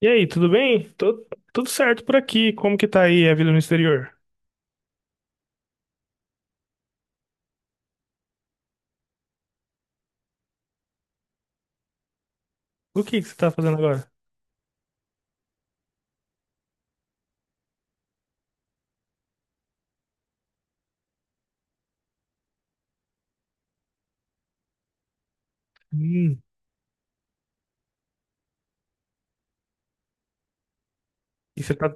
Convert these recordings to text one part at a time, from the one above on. E aí, tudo bem? Tudo certo por aqui. Como que tá aí a vida no exterior? O que que você tá fazendo agora? Hum, E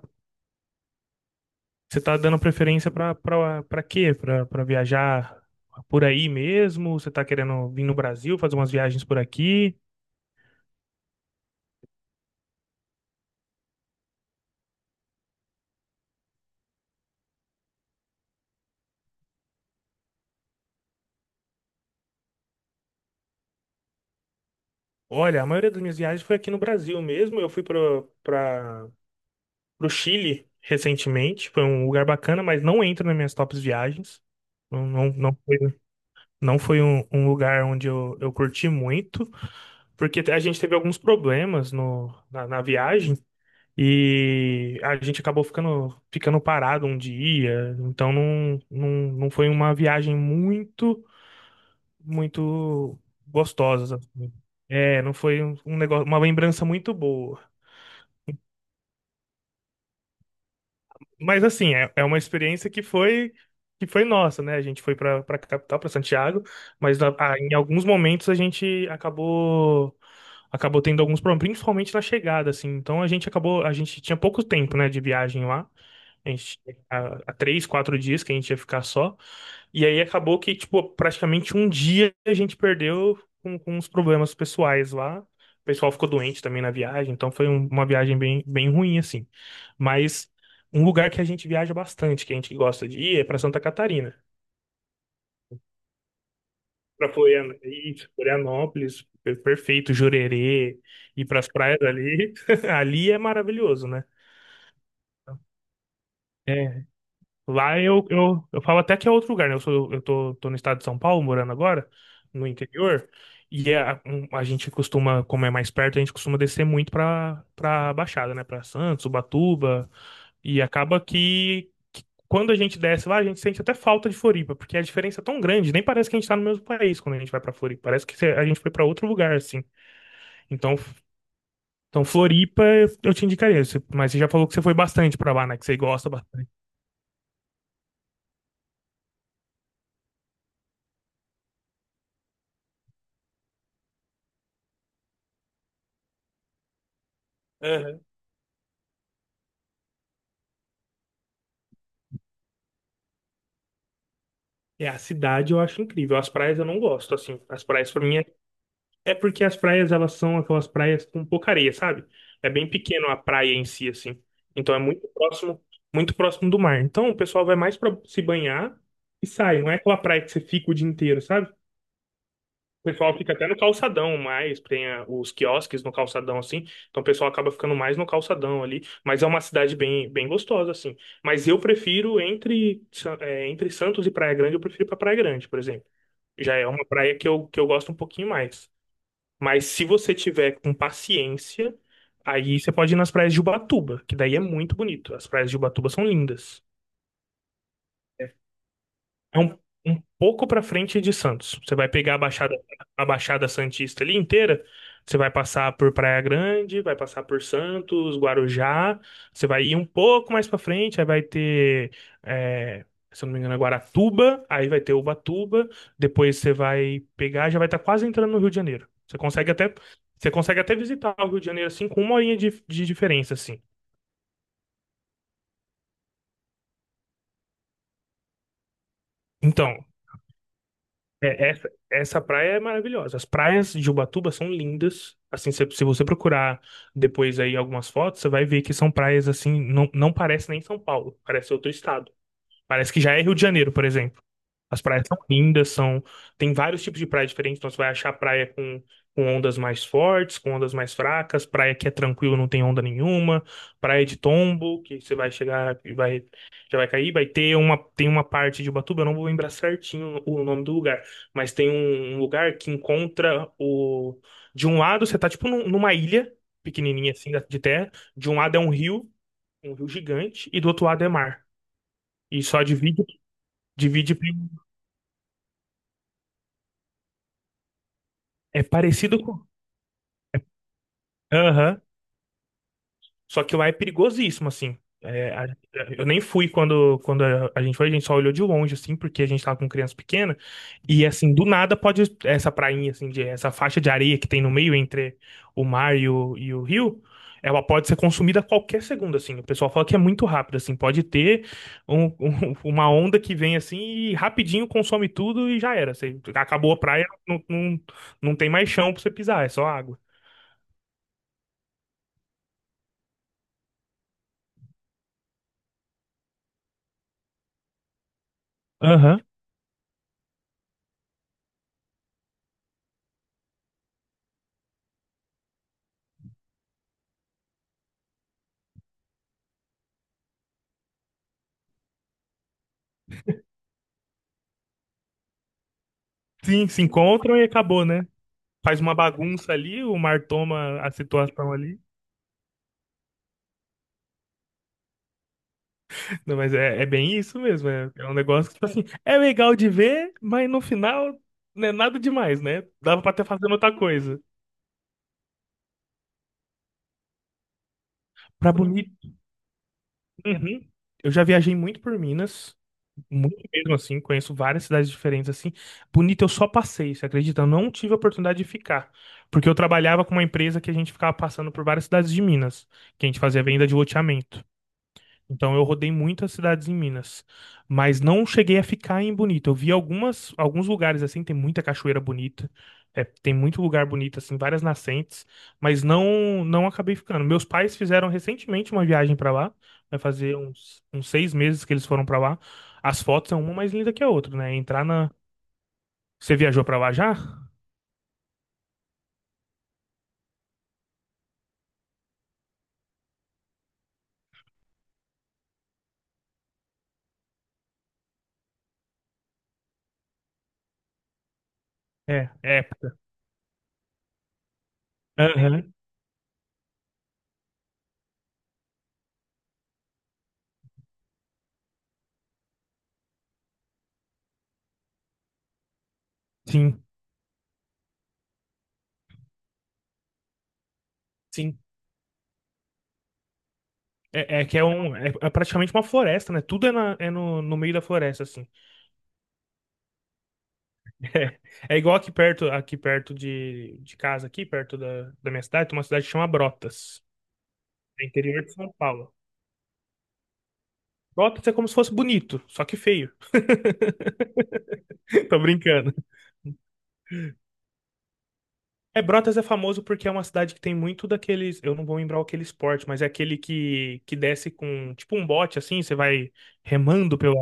você tá dando preferência pra quê? Pra viajar por aí mesmo? Você tá querendo vir no Brasil, fazer umas viagens por aqui? Olha, a maioria das minhas viagens foi aqui no Brasil mesmo. Eu fui para Pro Chile recentemente. Foi um lugar bacana, mas não entra nas minhas tops viagens. Não, não, não foi, não foi um lugar onde eu curti muito, porque a gente teve alguns problemas no, na, na viagem, e a gente acabou ficando parado um dia. Então não foi uma viagem muito, muito gostosa assim. É, não foi um negócio, uma lembrança muito boa. Mas assim, é, é uma experiência que foi nossa, né? A gente foi para capital, para Santiago, mas em alguns momentos a gente acabou tendo alguns problemas, principalmente na chegada, assim. Então a gente acabou, a gente tinha pouco tempo, né, de viagem lá. A gente, há três, quatro dias que a gente ia ficar só. E aí acabou que, tipo, praticamente um dia a gente perdeu com uns problemas pessoais lá. O pessoal ficou doente também na viagem, então foi uma viagem bem, bem ruim, assim. Mas um lugar que a gente viaja bastante, que a gente gosta de ir, é para Santa Catarina. Para Florianópolis, perfeito, Jurerê, ir para as praias ali. Ali é maravilhoso, né? Lá eu falo até que é outro lugar, né? Eu sou, eu tô, Tô no estado de São Paulo, morando agora, no interior, e é a gente costuma, como é mais perto, a gente costuma descer muito pra Baixada, né? Pra Santos, Ubatuba, e acaba que quando a gente desce lá, a gente sente até falta de Floripa, porque a diferença é tão grande, nem parece que a gente tá no mesmo país quando a gente vai pra Floripa, parece que a gente foi pra outro lugar, assim. Então, então Floripa eu te indicaria, mas você já falou que você foi bastante pra lá, né? Que você gosta bastante. É, a cidade eu acho incrível. As praias eu não gosto, assim. As praias pra mim é porque as praias elas são aquelas praias com pouca areia, sabe? É bem pequeno a praia em si, assim. Então é muito próximo do mar. Então o pessoal vai mais pra se banhar e sai. Não é aquela praia que você fica o dia inteiro, sabe? O pessoal fica até no calçadão mais, tem os quiosques no calçadão, assim. Então o pessoal acaba ficando mais no calçadão ali. Mas é uma cidade bem, bem gostosa, assim. Mas eu prefiro entre Santos e Praia Grande, eu prefiro pra Praia Grande, por exemplo. Já é uma praia que eu gosto um pouquinho mais. Mas se você tiver com paciência, aí você pode ir nas praias de Ubatuba, que daí é muito bonito. As praias de Ubatuba são lindas. É um pouco para frente de Santos. Você vai pegar a Baixada Santista ali inteira. Você vai passar por Praia Grande, vai passar por Santos, Guarujá. Você vai ir um pouco mais para frente, aí vai ter, é, se eu não me engano, é Guaratuba. Aí vai ter Ubatuba. Depois você vai pegar, já vai estar quase entrando no Rio de Janeiro. Você consegue até visitar o Rio de Janeiro assim com uma horinha de diferença assim. Então, é, essa praia é maravilhosa. As praias de Ubatuba são lindas. Assim, se você procurar depois aí algumas fotos, você vai ver que são praias assim, não parece nem São Paulo, parece outro estado. Parece que já é Rio de Janeiro, por exemplo. As praias são lindas, são tem vários tipos de praia diferentes, então você vai achar praia com ondas mais fortes, com ondas mais fracas, praia que é tranquilo, não tem onda nenhuma, praia de tombo, que você vai chegar e vai, já vai cair, vai ter uma, tem uma parte de Ubatuba, eu não vou lembrar certinho o nome do lugar, mas tem um lugar que encontra o de um lado você tá tipo numa ilha pequenininha assim de terra, de um lado é um rio gigante, e do outro lado é mar. E só divide, divide, é parecido com aham. Só que lá é perigosíssimo, assim. É, eu nem fui quando, quando a gente foi, a gente só olhou de longe, assim, porque a gente tava com criança pequena. E, assim, do nada pode essa prainha, assim, de, essa faixa de areia que tem no meio entre o mar e o rio, ela pode ser consumida a qualquer segundo, assim. O pessoal fala que é muito rápido, assim. Pode ter um- uma onda que vem, assim, e rapidinho consome tudo e já era. Você, acabou a praia, não tem mais chão pra você pisar, é só água. Aham. Sim, se encontram e acabou, né? Faz uma bagunça ali, o mar toma a situação ali. Não, mas é, é bem isso mesmo. É, é um negócio que, tipo assim, é legal de ver, mas no final não é nada demais, né? Dava pra ter fazendo outra coisa. Pra bonito. Uhum. Eu já viajei muito por Minas, muito mesmo assim, conheço várias cidades diferentes assim. Bonito, eu só passei, você acredita? Eu não tive a oportunidade de ficar. Porque eu trabalhava com uma empresa que a gente ficava passando por várias cidades de Minas, que a gente fazia venda de loteamento. Então eu rodei muitas cidades em Minas, mas não cheguei a ficar em Bonito. Eu vi algumas, alguns lugares assim, tem muita cachoeira bonita, é, tem muito lugar bonito assim, várias nascentes, mas não acabei ficando. Meus pais fizeram recentemente uma viagem para lá, vai fazer uns seis meses que eles foram para lá. As fotos são uma mais linda que a outra, né? Entrar na. Você viajou para lá já? É, é. Aham, sim, sim. É, é que é é praticamente uma floresta, né? Tudo é, é no meio da floresta, assim. É, é igual aqui perto de casa, aqui perto da minha cidade, tem uma cidade que chama Brotas, é interior de São Paulo. Brotas é como se fosse bonito, só que feio. Tô brincando. É, Brotas é famoso porque é uma cidade que tem muito daqueles, eu não vou lembrar aquele esporte, mas é aquele que desce com, tipo um bote assim, você vai remando pela,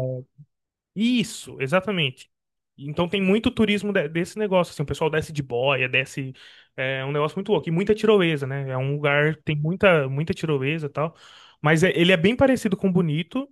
isso, exatamente. Então tem muito turismo desse negócio, assim, o pessoal desce de boia, desce, é um negócio muito louco, e muita tirolesa, né? É um lugar, tem muita, muita tirolesa e tal, mas ele é bem parecido com Bonito,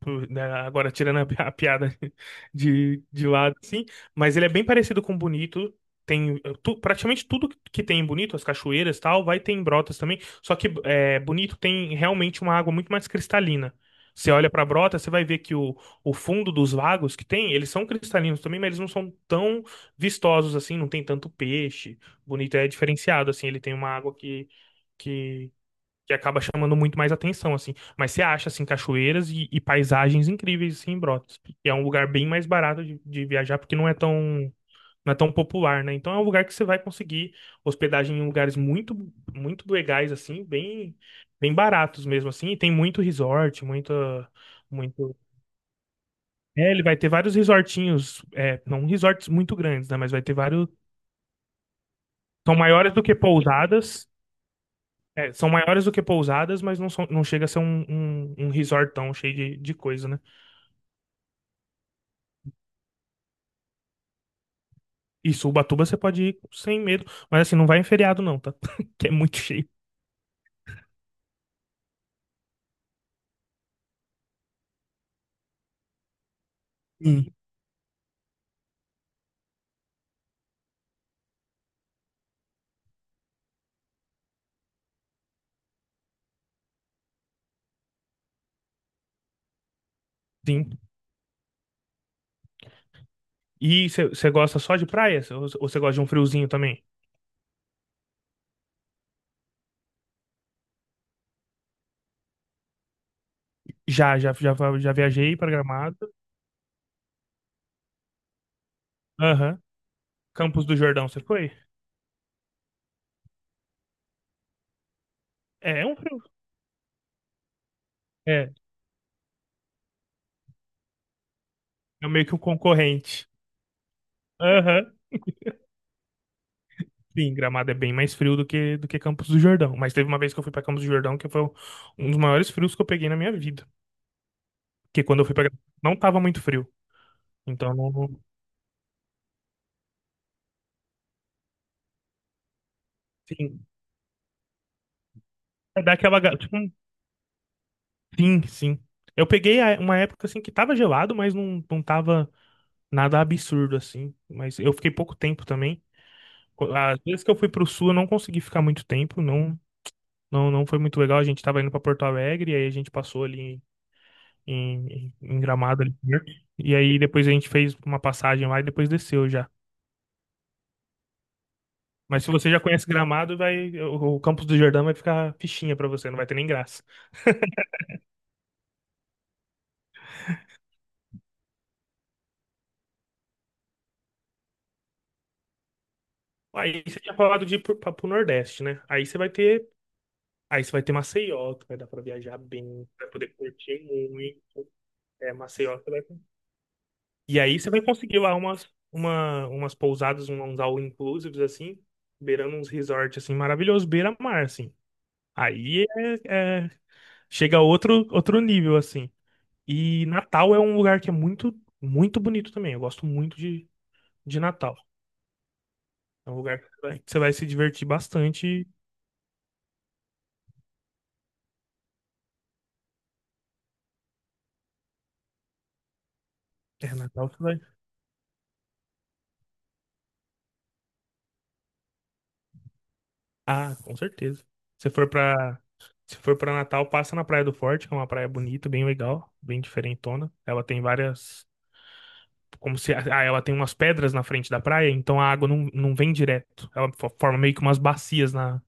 né, agora tirando a piada de lado, assim, mas ele é bem parecido com Bonito, tem praticamente tudo que tem em Bonito, as cachoeiras e tal, vai ter em Brotas também, só que Bonito tem realmente uma água muito mais cristalina. Você olha pra Brotas, você vai ver que o fundo dos lagos que tem, eles são cristalinos também, mas eles não são tão vistosos assim, não tem tanto peixe. Bonito é diferenciado assim, ele tem uma água que, que acaba chamando muito mais atenção assim. Mas você acha assim cachoeiras e paisagens incríveis assim em Brotas. E é um lugar bem mais barato de viajar porque não é tão popular, né? Então é um lugar que você vai conseguir hospedagem em lugares muito legais assim, bem baratos mesmo assim, e tem muito resort, muita muito é, ele vai ter vários resortinhos, é, não resorts muito grandes, né? Mas vai ter vários. São maiores do que pousadas. É, são maiores do que pousadas, mas não, são, não chega a ser um resortão cheio de coisa, né? E Ubatuba você pode ir sem medo. Mas assim, não vai em feriado, não, tá? Que é muito cheio. Sim. Sim. E você gosta só de praia? Ou você gosta de um friozinho também? Já viajei pra Gramado. Aham. Campos do Jordão, você foi? É, é um frio. É, é meio que um concorrente. Aham. Sim, Gramado é bem mais frio do que Campos do Jordão. Mas teve uma vez que eu fui pra Campos do Jordão que foi um dos maiores frios que eu peguei na minha vida. Porque quando eu fui pra Gramado, não tava muito frio. Então, sim. É daquela. Tipo, sim, sim. Eu peguei uma época assim que tava gelado, mas não tava nada absurdo assim. Mas eu fiquei pouco tempo também. Às vezes que eu fui pro sul, eu não consegui ficar muito tempo. Não, não foi muito legal. A gente tava indo pra Porto Alegre, aí a gente passou ali em, em Gramado ali perto. E aí depois a gente fez uma passagem lá e depois desceu já. Mas se você já conhece Gramado, vai o Campos do Jordão vai ficar fichinha pra você, não vai ter nem graça. Aí você tinha falado de ir pro Nordeste, né? Aí você vai ter Maceió, que vai dar pra viajar bem, vai poder curtir muito. É, Maceió, você vai e aí você vai conseguir lá umas pousadas, uns all inclusives, assim, beirando uns resorts, assim, maravilhosos, beira-mar, assim. Aí é, é chega a outro nível, assim. E Natal é um lugar que é muito, muito bonito também. Eu gosto muito de Natal. É um lugar que você vai se divertir bastante. É, Natal você vai. Ah, com certeza. Se for se for pra Natal, passa na Praia do Forte, que é uma praia bonita, bem legal, bem diferentona. Ela tem várias. Como se. Ah, ela tem umas pedras na frente da praia, então a água não vem direto. Ela forma meio que umas bacias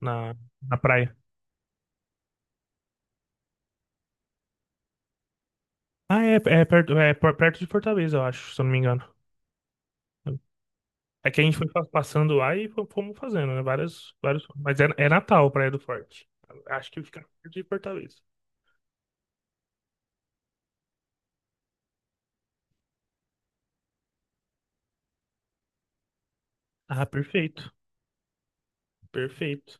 na, na praia. Ah, é, é perto, é perto de Fortaleza, eu acho, se eu não me engano. É que a gente foi passando lá e fomos fazendo, né? Várias, vários, mas é, é Natal, Praia do Forte. Acho que fica perto de Fortaleza. Ah, perfeito. Perfeito.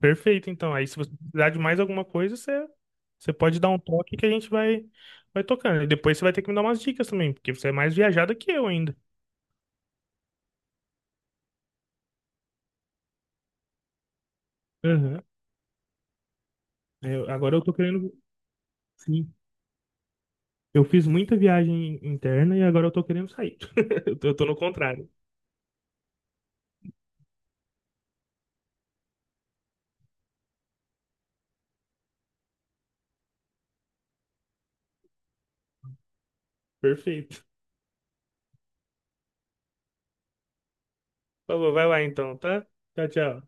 Perfeito, então. Aí se você precisar de mais alguma coisa, você pode dar um toque que a gente vai, vai tocando. E depois você vai ter que me dar umas dicas também, porque você é mais viajada que eu ainda. Aham. Agora eu tô querendo. Sim. Eu fiz muita viagem interna e agora eu tô querendo sair. Eu tô no contrário. Perfeito. Por vai lá então, tá? Tchau, tchau.